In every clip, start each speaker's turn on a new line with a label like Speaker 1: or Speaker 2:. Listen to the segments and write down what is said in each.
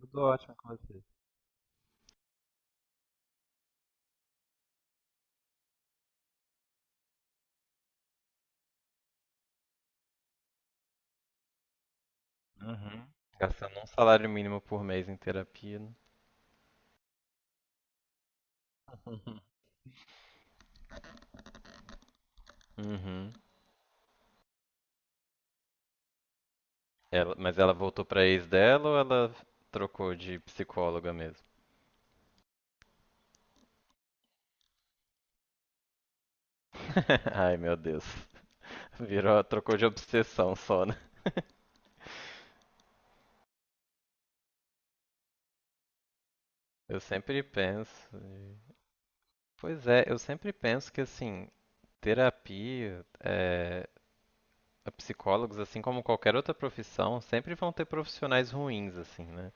Speaker 1: Eu tô ótimo com você. Uhum. Gastando um salário mínimo por mês em terapia, né? Uhum. Mas ela voltou pra ex dela ou ela trocou de psicóloga mesmo? Ai, meu Deus. Virou, trocou de obsessão só, né? Eu sempre penso. Pois é, eu sempre penso que assim, terapia, psicólogos, assim como qualquer outra profissão, sempre vão ter profissionais ruins, assim, né?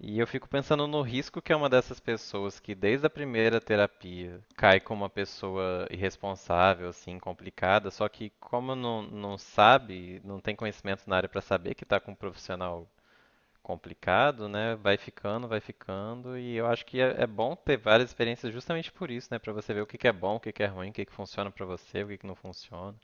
Speaker 1: E eu fico pensando no risco que é uma dessas pessoas que desde a primeira terapia cai como uma pessoa irresponsável, assim, complicada, só que como não, não sabe, não tem conhecimento na área para saber que está com um profissional complicado, né? Vai ficando, e eu acho que é, é bom ter várias experiências justamente por isso, né? Para você ver o que que é bom, o que que é ruim, o que que funciona para você, o que que não funciona.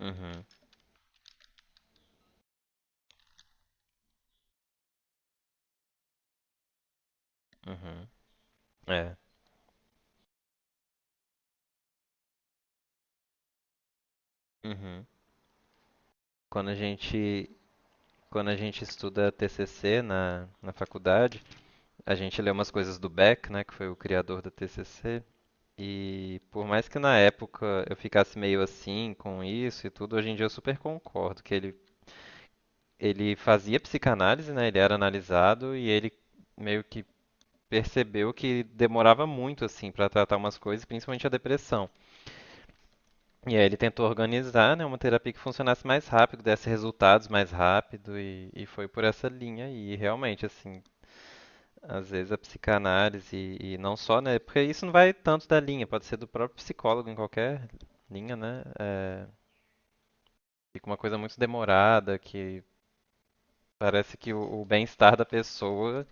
Speaker 1: Uhum, uhum. É. Uhum. Quando a gente Quando a gente estuda TCC na faculdade, a gente lê umas coisas do Beck, né, que foi o criador da TCC, e por mais que na época eu ficasse meio assim com isso e tudo, hoje em dia eu super concordo que ele fazia psicanálise, né, ele era analisado e ele meio que percebeu que demorava muito assim para tratar umas coisas, principalmente a depressão. E aí ele tentou organizar, né, uma terapia que funcionasse mais rápido, desse resultados mais rápido e foi por essa linha e realmente assim. Às vezes a psicanálise e não só, né? Porque isso não vai tanto da linha, pode ser do próprio psicólogo em qualquer linha, né? É, fica uma coisa muito demorada que parece que o bem-estar da pessoa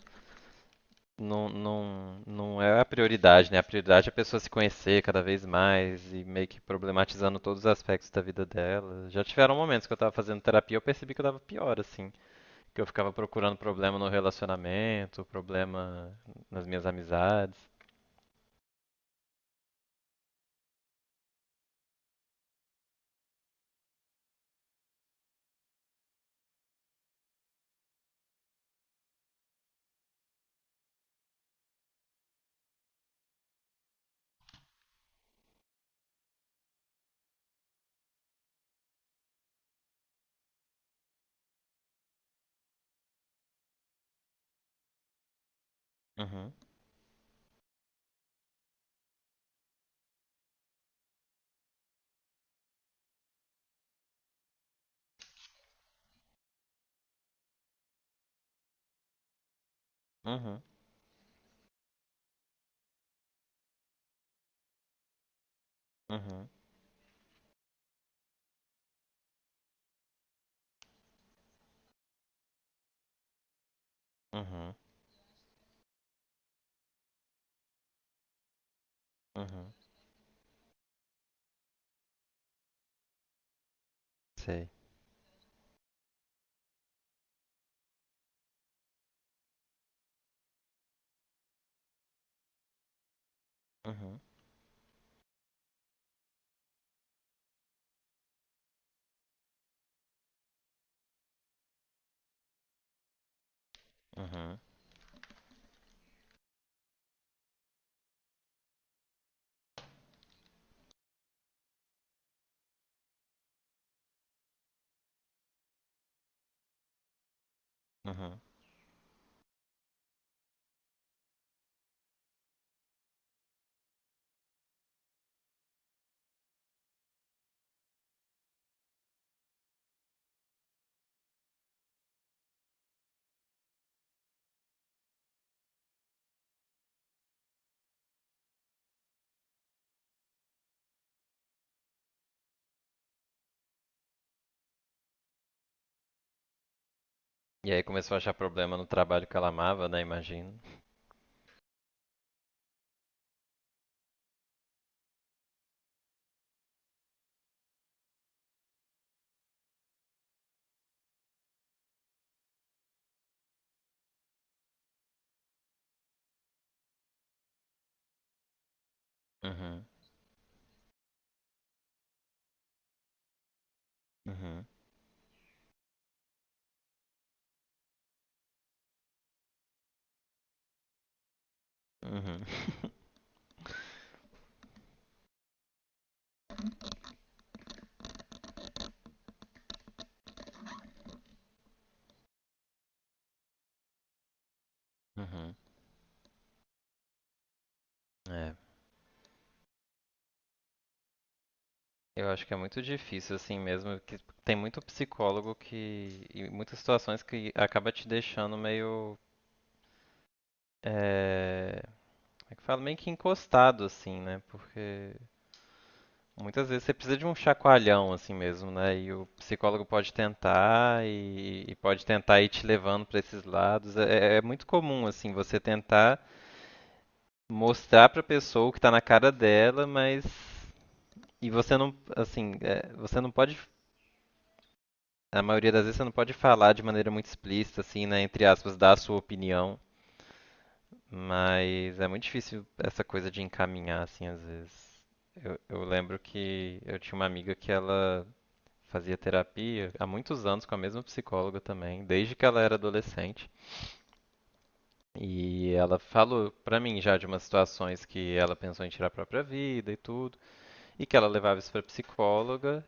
Speaker 1: não, não, não é a prioridade, né? A prioridade é a pessoa se conhecer cada vez mais e meio que problematizando todos os aspectos da vida dela. Já tiveram momentos que eu tava fazendo terapia e eu percebi que eu tava pior, assim. Que eu ficava procurando problema no relacionamento, problema nas minhas amizades. Uhum, uhum. Uhum, uhum, uhum. Sei. Uhum, uhum, uhum. E aí começou a achar problema no trabalho que ela amava, né? Imagino. Uhum, uhum, uhum. Uhum. É. Eu acho que é muito difícil, assim mesmo, que tem muito psicólogo que, e muitas situações que acaba te deixando meio. É, como é que fala? Meio que encostado, assim, né? Porque muitas vezes você precisa de um chacoalhão assim mesmo, né? E o psicólogo pode tentar e pode tentar ir te levando para esses lados. É, é muito comum assim você tentar mostrar para a pessoa o que está na cara dela, mas e você não assim você não pode, a maioria das vezes você não pode falar de maneira muito explícita assim, né? Entre aspas, dar a sua opinião, mas é muito difícil essa coisa de encaminhar assim às vezes. Eu lembro que eu tinha uma amiga que ela fazia terapia há muitos anos com a mesma psicóloga também, desde que ela era adolescente. E ela falou pra mim já de umas situações que ela pensou em tirar a própria vida e tudo, e que ela levava isso pra psicóloga,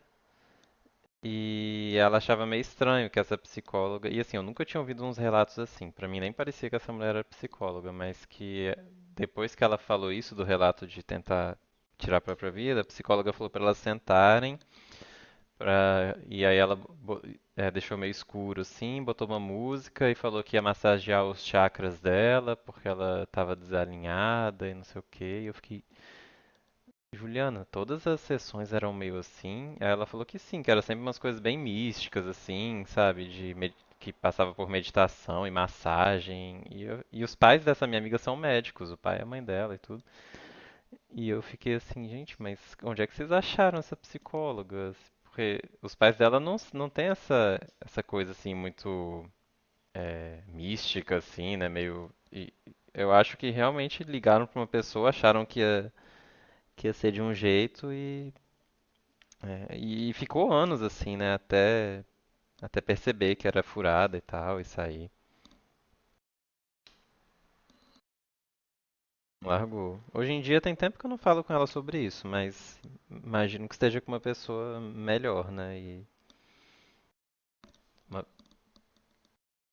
Speaker 1: e ela achava meio estranho que essa psicóloga, e assim, eu nunca tinha ouvido uns relatos assim, pra mim nem parecia que essa mulher era psicóloga, mas que depois que ela falou isso do relato de tentar tirar a própria vida, a psicóloga falou pra elas sentarem pra. E aí ela deixou meio escuro assim, botou uma música e falou que ia massagear os chakras dela porque ela tava desalinhada e não sei o quê. E eu fiquei, Juliana, todas as sessões eram meio assim? Aí ela falou que sim, que era sempre umas coisas bem místicas assim, sabe? Que passava por meditação e massagem. E os pais dessa minha amiga são médicos, o pai e a mãe dela e tudo. E eu fiquei assim, gente, mas onde é que vocês acharam essa psicóloga? Porque os pais dela não, não tem essa, coisa assim muito mística, assim, né? Meio. E eu acho que realmente ligaram pra uma pessoa, acharam que ia ser de um jeito e, é, e ficou anos assim, né? Até perceber que era furada e tal, e sair. Largou. Hoje em dia tem tempo que eu não falo com ela sobre isso, mas imagino que esteja com uma pessoa melhor, né? E uma.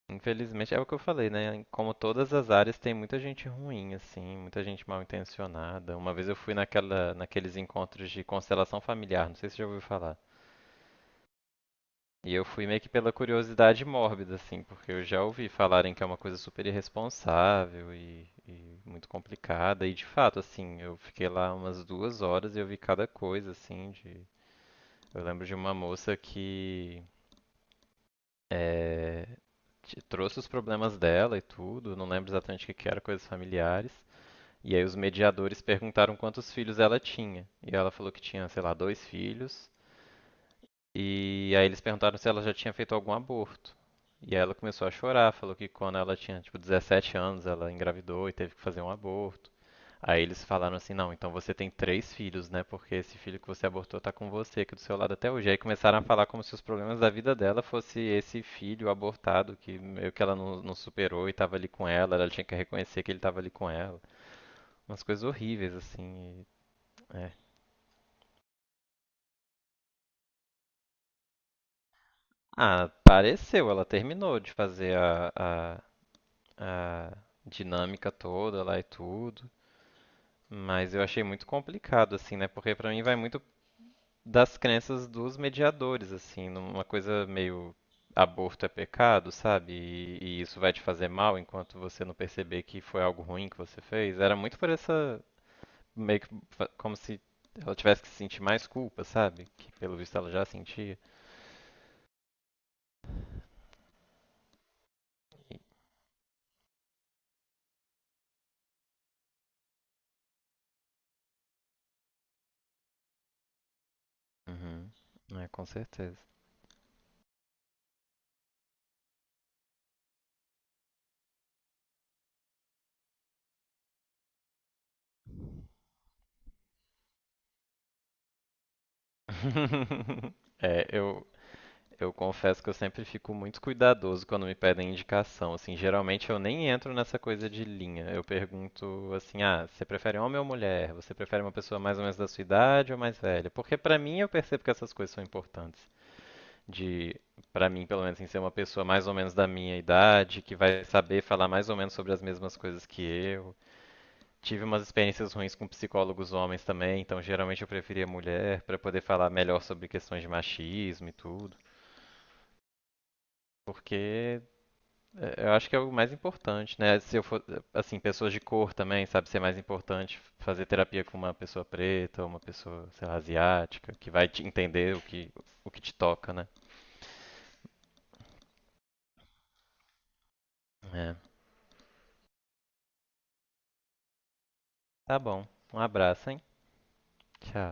Speaker 1: Infelizmente é o que eu falei, né? Como todas as áreas tem muita gente ruim, assim, muita gente mal intencionada. Uma vez eu fui naquela, naqueles encontros de constelação familiar, não sei se você já ouviu falar. E eu fui meio que pela curiosidade mórbida, assim, porque eu já ouvi falarem que é uma coisa super irresponsável e muito complicada. E de fato, assim, eu fiquei lá umas duas horas e eu vi cada coisa, assim, de. Eu lembro de uma moça que, é, trouxe os problemas dela e tudo, não lembro exatamente o que que era, coisas familiares. E aí os mediadores perguntaram quantos filhos ela tinha. E ela falou que tinha, sei lá, dois filhos. E aí eles perguntaram se ela já tinha feito algum aborto. E aí ela começou a chorar, falou que quando ela tinha, tipo, 17 anos, ela engravidou e teve que fazer um aborto. Aí eles falaram assim, não, então você tem três filhos, né? Porque esse filho que você abortou tá com você aqui do seu lado até hoje. Aí começaram a falar como se os problemas da vida dela fosse esse filho abortado que meio que ela não, não superou e tava ali com ela, ela tinha que reconhecer que ele tava ali com ela. Umas coisas horríveis, assim. É. Ah, pareceu, ela terminou de fazer a dinâmica toda lá e tudo. Mas eu achei muito complicado, assim, né? Porque pra mim vai muito das crenças dos mediadores, assim, numa coisa meio aborto é pecado, sabe? E isso vai te fazer mal enquanto você não perceber que foi algo ruim que você fez. Era muito por essa, meio que como se ela tivesse que sentir mais culpa, sabe? Que pelo visto ela já sentia. E- Uhum. É, com certeza. É, eu confesso que eu sempre fico muito cuidadoso quando me pedem indicação. Assim, geralmente eu nem entro nessa coisa de linha. Eu pergunto assim: ah, você prefere homem ou mulher? Você prefere uma pessoa mais ou menos da sua idade ou mais velha? Porque pra mim eu percebo que essas coisas são importantes. De, pra mim, pelo menos, assim, ser uma pessoa mais ou menos da minha idade, que vai saber falar mais ou menos sobre as mesmas coisas que eu. Tive umas experiências ruins com psicólogos homens também, então geralmente eu preferia mulher pra poder falar melhor sobre questões de machismo e tudo. Porque, é, eu acho que é o mais importante, né? Se eu for, assim, pessoas de cor também, sabe, ser mais importante fazer terapia com uma pessoa preta ou uma pessoa, sei lá, asiática, que vai te entender o que te toca, né? É. Tá bom. Um abraço, hein? Tchau.